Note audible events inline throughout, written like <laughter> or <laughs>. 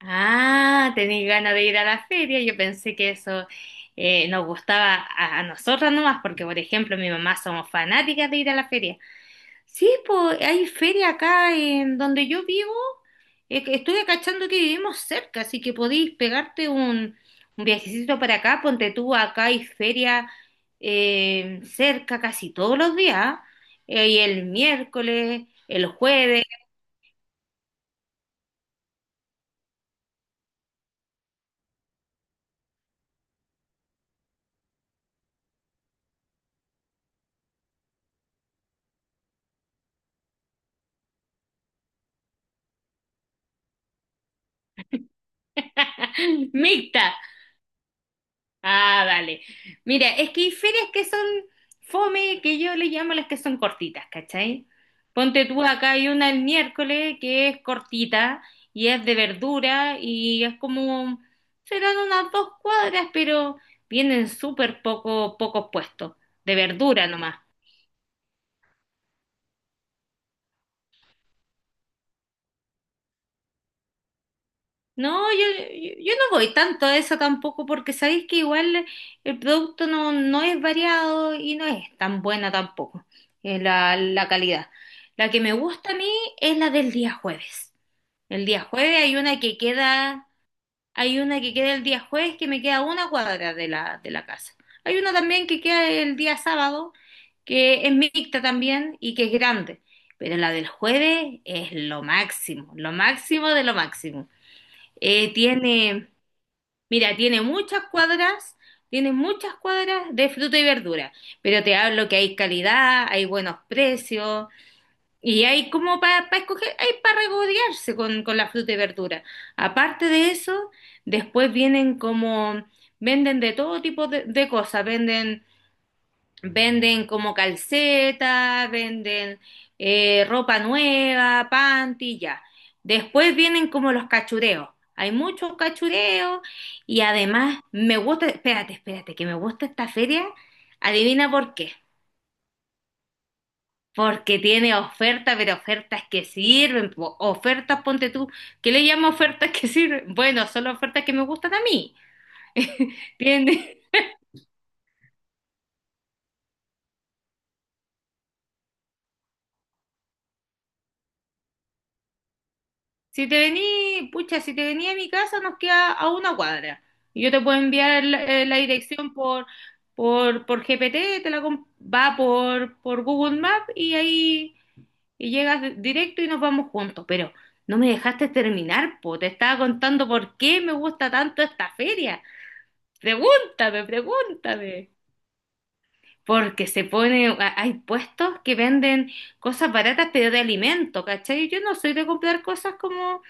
Ah, tenéis ganas de ir a la feria. Yo pensé que eso nos gustaba a nosotras nomás, porque por ejemplo mi mamá somos fanáticas de ir a la feria. Sí, pues hay feria acá en donde yo vivo. Que estuve cachando que vivimos cerca, así que podéis pegarte un viajecito para acá. Ponte tú, acá hay feria cerca casi todos los días. Y el miércoles, el jueves. <laughs> Mixta. Ah, vale. Mira, es que hay ferias que son fome, que yo le llamo las que son cortitas, ¿cachai? Ponte tú acá, hay una el miércoles que es cortita y es de verdura y es como, serán unas dos cuadras, pero vienen súper poco, pocos puestos, de verdura nomás. No, yo no voy tanto a eso tampoco porque sabéis que igual el producto no es variado y no es tan buena tampoco la calidad. La que me gusta a mí es la del día jueves. El día jueves hay una que queda, hay una que queda el día jueves que me queda a una cuadra de de la casa. Hay una también que queda el día sábado que es mixta también y que es grande. Pero la del jueves es lo máximo de lo máximo. Eh, tiene, mira, tiene muchas cuadras de fruta y verdura, pero te hablo que hay calidad, hay buenos precios y hay como para escoger, hay para regodearse con la fruta y verdura. Aparte de eso, después vienen como, venden de todo tipo de cosas, venden venden como calceta, venden ropa nueva, panty, ya. Después vienen como los cachureos. Hay muchos cachureos y además me gusta, espérate, espérate, que me gusta esta feria. Adivina por qué. Porque tiene ofertas, pero ofertas que sirven. Po. Ofertas, ponte tú, ¿qué le llamo ofertas que sirven? Bueno, son las ofertas que me gustan a mí. <laughs> Tiene, si te vení, pucha, si te vení a mi casa nos queda a una cuadra. Yo te puedo enviar la, la dirección por GPT, te la com- va por Google Maps y ahí y llegas de- directo y nos vamos juntos. Pero no me dejaste terminar, po. Te estaba contando por qué me gusta tanto esta feria. Pregúntame, pregúntame. Porque se pone, a- hay puestos que venden cosas baratas, pero de alimento, ¿cachai? Yo no soy de comprar cosas como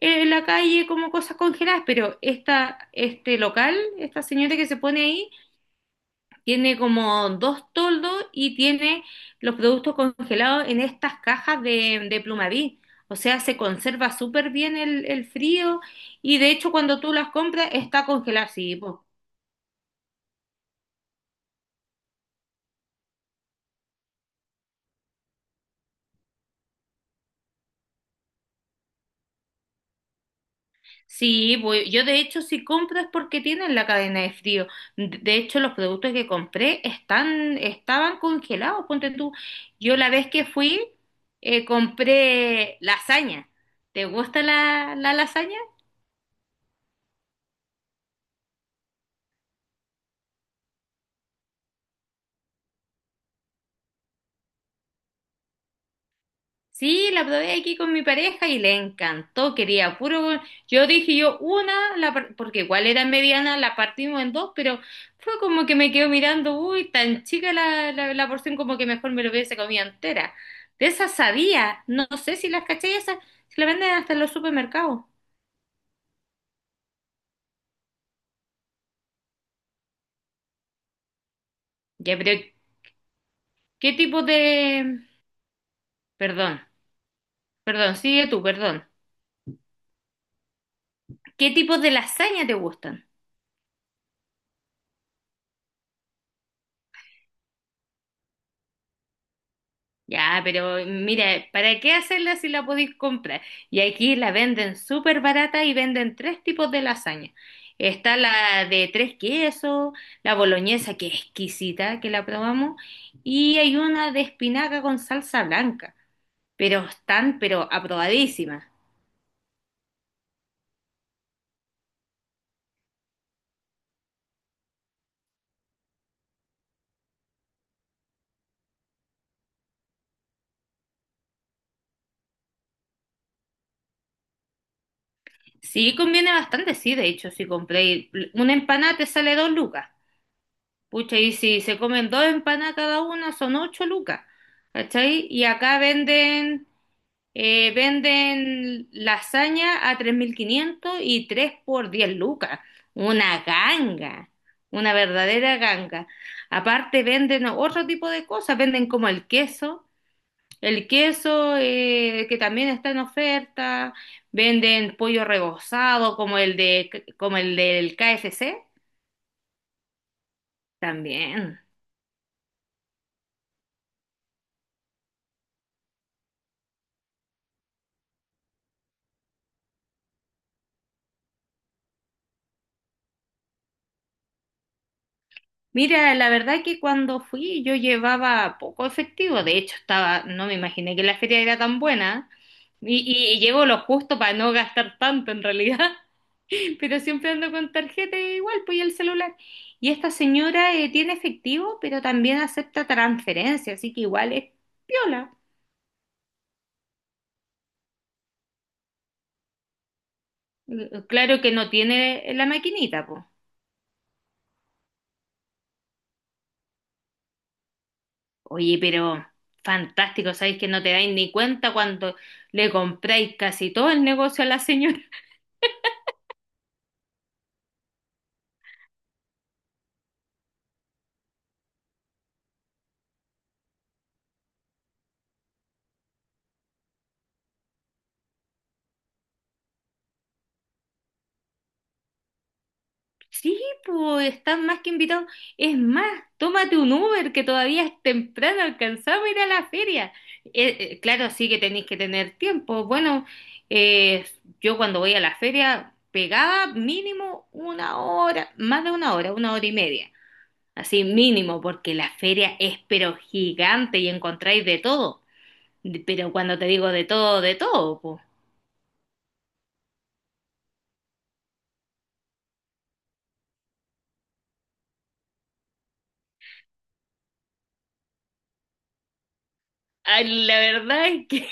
en la calle como cosas congeladas, pero esta, este local, esta señora que se pone ahí, tiene como dos toldos y tiene los productos congelados en estas cajas de Plumaví. O sea, se conserva súper bien el frío y de hecho cuando tú las compras está congelado, sí, pues, sí, voy- yo de hecho si compro es porque tienen la cadena de frío. De hecho los productos que compré están, estaban congelados, ponte tú. Yo la vez que fui compré lasaña. ¿Te gusta la lasaña? Sí, la probé aquí con mi pareja y le encantó, quería puro. Yo dije yo una, la par- porque igual era mediana, la partimos en dos, pero fue como que me quedo mirando, uy, tan chica la porción como que mejor me lo hubiese comido entera. De esas sabía, no, sé si las caché esas, se las venden hasta en los supermercados. Ya, pero ¿qué tipo de... perdón, perdón, sigue tú, perdón. ¿Qué tipos de lasaña te gustan? Ya, pero mira, ¿para qué hacerla si la podéis comprar? Y aquí la venden súper barata y venden tres tipos de lasaña. Está la de tres quesos, la boloñesa que es exquisita, que la probamos, y hay una de espinaca con salsa blanca, pero están, pero aprobadísimas. Sí, conviene bastante, sí, de hecho, si compréis una empanada te sale dos lucas. Pucha, y si se comen dos empanadas cada una son ocho lucas, ¿cachai? Y acá venden... venden lasaña a 3.500 y 3 por 10 lucas. Una ganga, una verdadera ganga. Aparte venden otro tipo de cosas, venden como el queso que también está en oferta, venden pollo rebozado como el de, como el del KFC también. Mira, la verdad que cuando fui yo llevaba poco efectivo, de hecho estaba, no me imaginé que la feria era tan buena y, y llevo lo justo para no gastar tanto en realidad, <laughs> pero siempre ando con tarjeta e igual, pues y el celular. Y esta señora tiene efectivo, pero también acepta transferencia, así que igual es piola. Claro que no tiene la maquinita, pues. Oye, pero fantástico, sabéis que no te dais ni cuenta cuando le compráis casi todo el negocio a la señora. Sí, pues están más que invitados. Es más, tómate un Uber que todavía es temprano, alcanzamos a ir a la feria. Claro, sí que tenéis que tener tiempo. Bueno, eh, yo cuando voy a la feria pegaba mínimo una hora, más de una hora y media. Así mínimo, porque la feria es pero gigante y encontráis de todo. De- pero cuando te digo de todo, pues. Ay, la verdad es que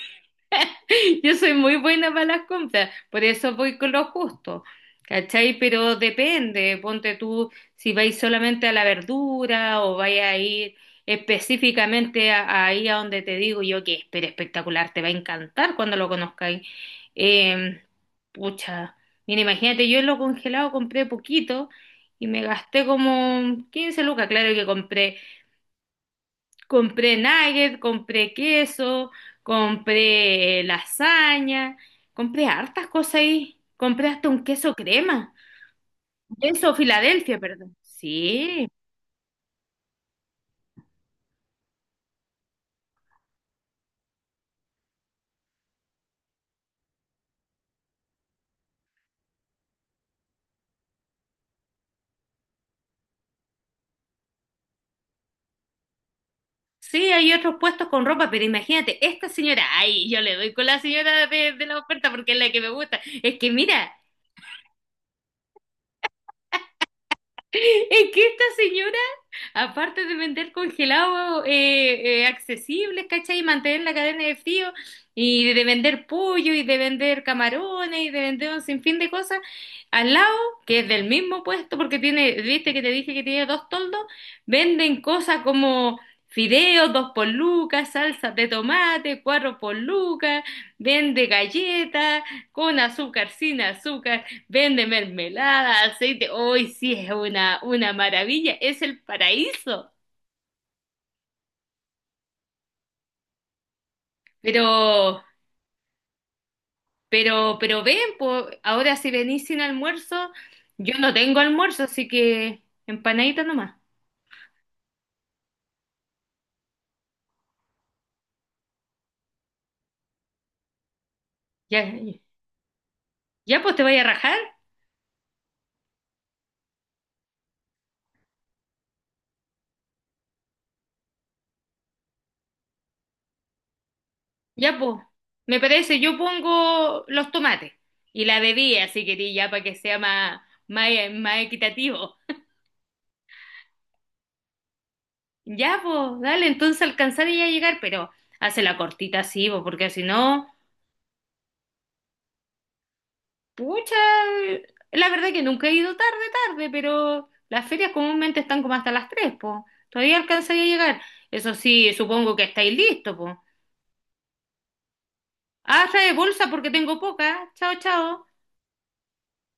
<laughs> yo soy muy buena para las compras, por eso voy con lo justo, ¿cachai? Pero depende, ponte tú si vais solamente a la verdura o vais a ir específicamente a ahí a donde te digo yo que es pero espectacular, te va a encantar cuando lo conozcáis. Eh, pucha, mira, imagínate, yo en lo congelado compré poquito y me gasté como 15 lucas, claro que compré. Compré nugget, compré queso, compré lasaña, compré hartas cosas ahí. Compré hasta un queso crema, queso Filadelfia, perdón. Sí, sí, hay otros puestos con ropa, pero imagínate, esta señora, ay, yo le doy con la señora de la oferta porque es la que me gusta. Es que mira, <laughs> es que esta señora aparte de vender congelados accesibles, ¿cachai? Y mantener la cadena de frío, y de vender pollo, y de vender camarones, y de vender un sinfín de cosas, al lado, que es del mismo puesto, porque tiene, viste que te dije que tiene dos toldos, venden cosas como fideos, dos por lucas, salsas de tomate, cuatro por lucas, vende galletas, con azúcar, sin azúcar. Vende mermelada, aceite. Hoy sí es una maravilla, es el paraíso. Pero, pero ven, po, ahora si venís sin almuerzo, yo no tengo almuerzo, así que empanadita nomás. Ya, ya pues te voy a rajar. Ya pues, me parece, yo pongo los tomates y la bebida, si querís, ya para que sea más, más equitativo. Ya pues, dale, entonces alcanzar y ya llegar, pero hace la cortita así, po, porque si no. Pucha, la verdad que nunca he ido tarde, pero las ferias comúnmente están como hasta las 3, po. Todavía alcanzaría a llegar. Eso sí, supongo que estáis listos, po. Ah, trae bolsa porque tengo poca. Chao, chao.